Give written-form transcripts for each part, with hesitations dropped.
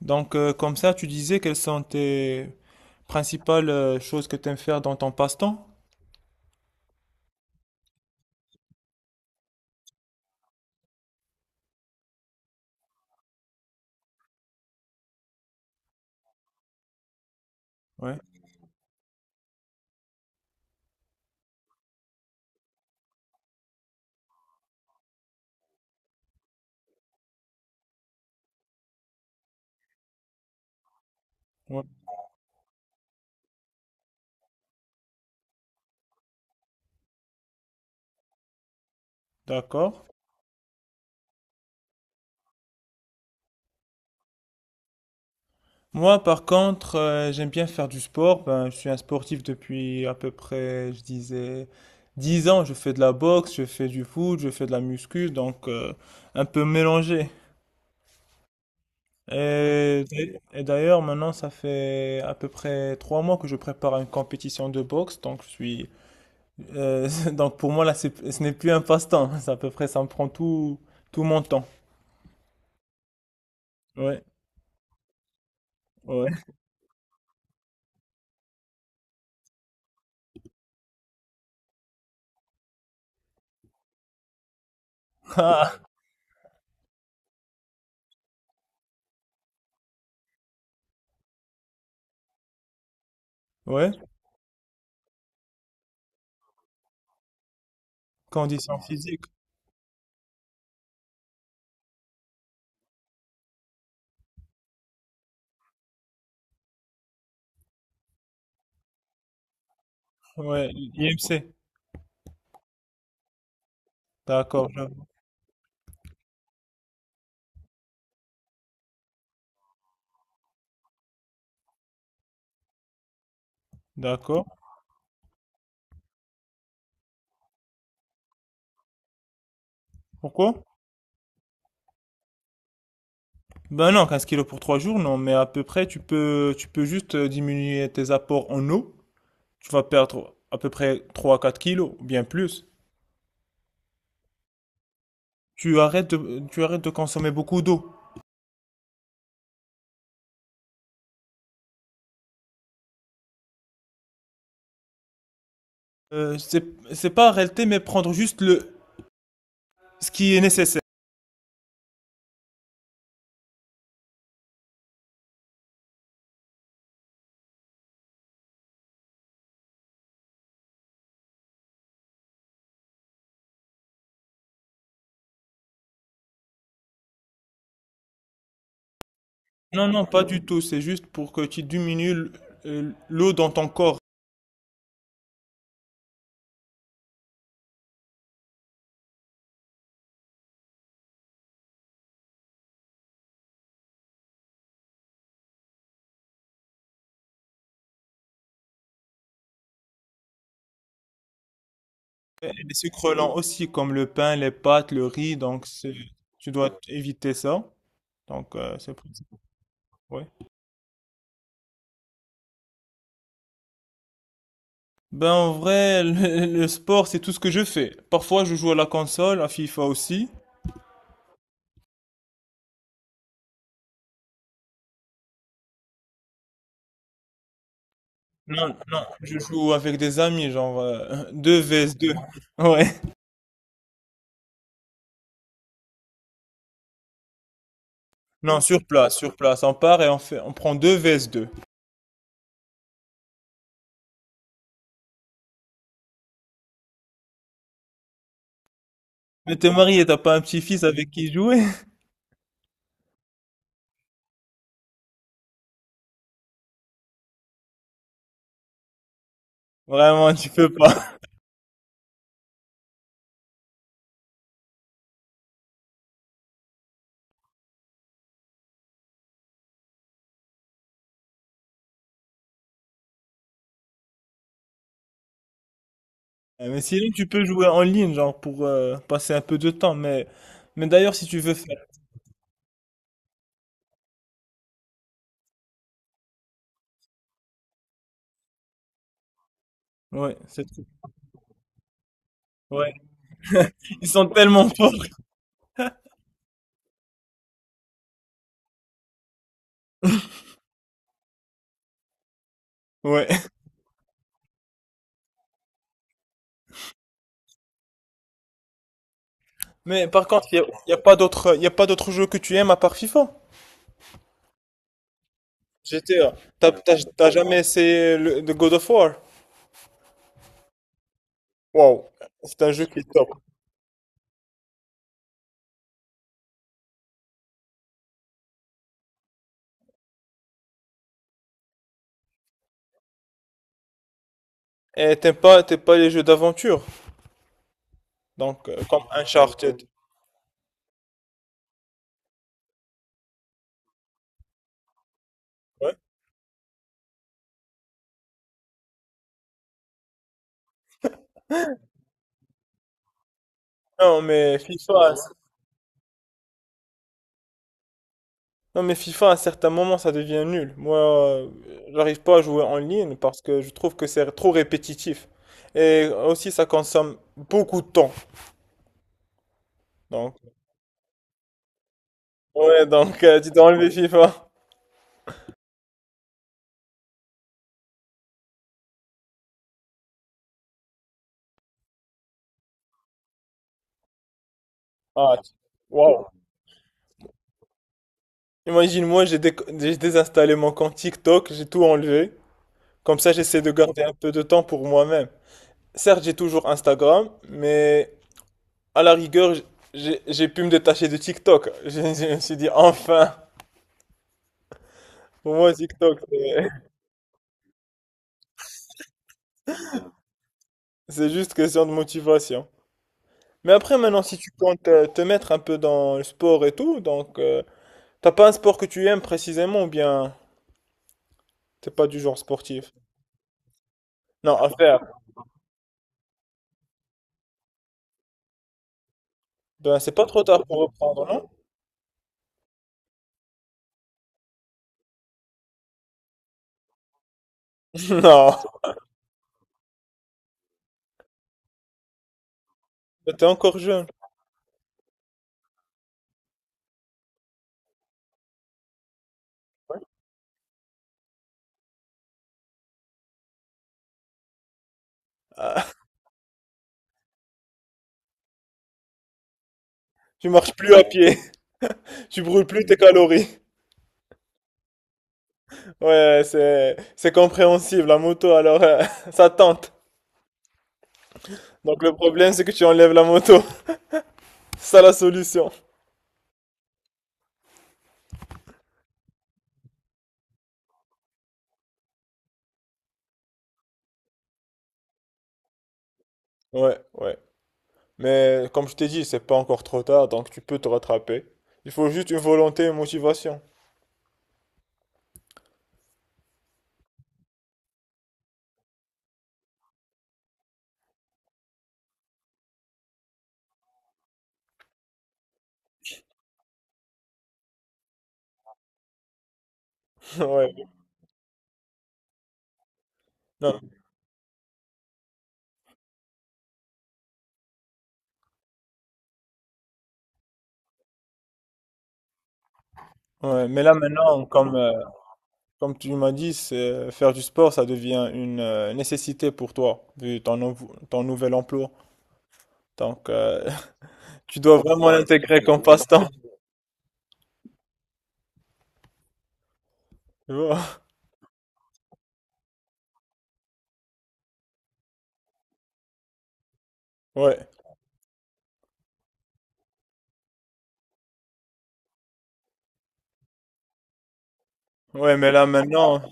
Comme ça, tu disais quelles sont tes principales choses que tu aimes faire dans ton passe-temps? Ouais, ouais, d'accord. Moi, par contre, j'aime bien faire du sport. Ben, je suis un sportif depuis à peu près, je disais, 10 ans. Je fais de la boxe, je fais du foot, je fais de la muscu, donc un peu mélangé. Et, et d'ailleurs, maintenant, ça fait à peu près 3 mois que je prépare une compétition de boxe, donc pour moi là, ce n'est plus un passe-temps. C'est à peu près, ça me prend tout mon temps. Ouais, ouais. Ah, ouais. Condition physique. Ouais, IMC. D'accord, je- d'accord. Pourquoi? Ben non, 15 kilos pour 3 jours, non. Mais à peu près, tu peux juste diminuer tes apports en eau. Tu vas perdre à peu près 3 à 4 kilos, bien plus. Tu arrêtes de consommer beaucoup d'eau. Euh, c'est, c'est pas arrêter, mais prendre juste ce qui est nécessaire. Non, non, pas du tout. C'est juste pour que tu diminues l'eau dans ton corps. Et les sucres lents aussi, comme le pain, les pâtes, le riz. Tu dois éviter ça. C'est pour ça. Ouais. Ben, en vrai, le sport, c'est tout ce que je fais. Parfois, je joue à la console, à FIFA aussi. Non, non, je joue avec des amis, 2 vs 2. Ouais. Non, sur place, sur place. On part et on fait, on prend 2 vs 2. Mais t'es marié, t'as pas un petit-fils avec qui jouer? Vraiment, tu peux pas. Eh, mais sinon, tu peux jouer en ligne, genre, pour passer un peu de temps. Mais d'ailleurs, si tu veux faire. Ouais, c'est tout. Ouais. Ils sont tellement forts. Ouais. Mais par contre, y a pas d'autres, y a pas d'autres jeux que tu aimes à part FIFA. GTA. T'as jamais essayé le God of War? Wow. C'est un jeu qui est top. Et t'aimes pas les jeux d'aventure. Comme Uncharted. Ouais. Non mais FIFA, à- non mais FIFA à certains moments ça devient nul. Moi, j'arrive pas à jouer en ligne parce que je trouve que c'est trop répétitif. Et aussi ça consomme beaucoup de temps. Donc ouais, donc tu t'es enlevé FIFA. Ah, waouh. Imagine moi j'ai désinstallé mon compte TikTok, j'ai tout enlevé. Comme ça j'essaie de garder un peu de temps pour moi-même. Certes, j'ai toujours Instagram, mais à la rigueur, j'ai pu me détacher de TikTok. Je me suis dit enfin, pour moi TikTok c'est... C'est juste question de motivation. Mais après, maintenant, si tu comptes te mettre un peu dans le sport et tout, t'as pas un sport que tu aimes précisément ou bien t'es pas du genre sportif? Non, à faire. Ben, c'est pas trop tard pour reprendre, non? Non, ben, t'es encore jeune. Ah, tu marches plus à pied, tu brûles plus tes calories. Ouais, c'est compréhensible, la moto, alors ça tente. Donc le problème, c'est que tu enlèves la moto. C'est ça la solution. Ouais, ouais. Mais comme je t'ai dit, c'est pas encore trop tard, donc tu peux te rattraper. Il faut juste une volonté et une motivation. Ouais. Non. Ouais. Mais là maintenant, comme tu m'as dit, faire du sport, ça devient une nécessité pour toi, vu ton nouvel emploi. Donc euh, tu dois vraiment l'intégrer comme passe-temps. Tu vois. Ouais. Ouais, mais là maintenant,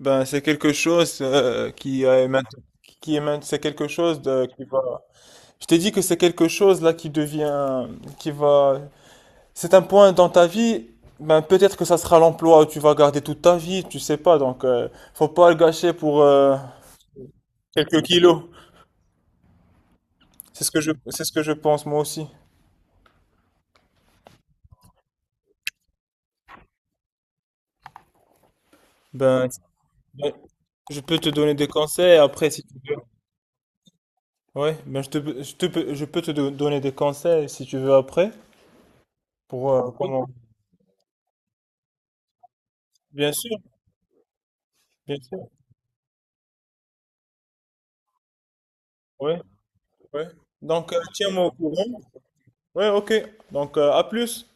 ben c'est quelque chose qui est maintenant. C'est quelque chose de, qui va. Je t'ai dit que c'est quelque chose là qui devient, qui va. C'est un point dans ta vie, ben peut-être que ça sera l'emploi où tu vas garder toute ta vie, tu sais pas, faut pas le gâcher pour quelques kilos. C'est ce que je pense moi aussi. Ben, ben, je peux te donner des conseils après si tu veux. Ouais, je peux donner des conseils si tu veux après pour comment. Bien sûr, bien sûr. Ouais, ouais. Donc tiens-moi au courant. Ouais, ok. Donc à plus.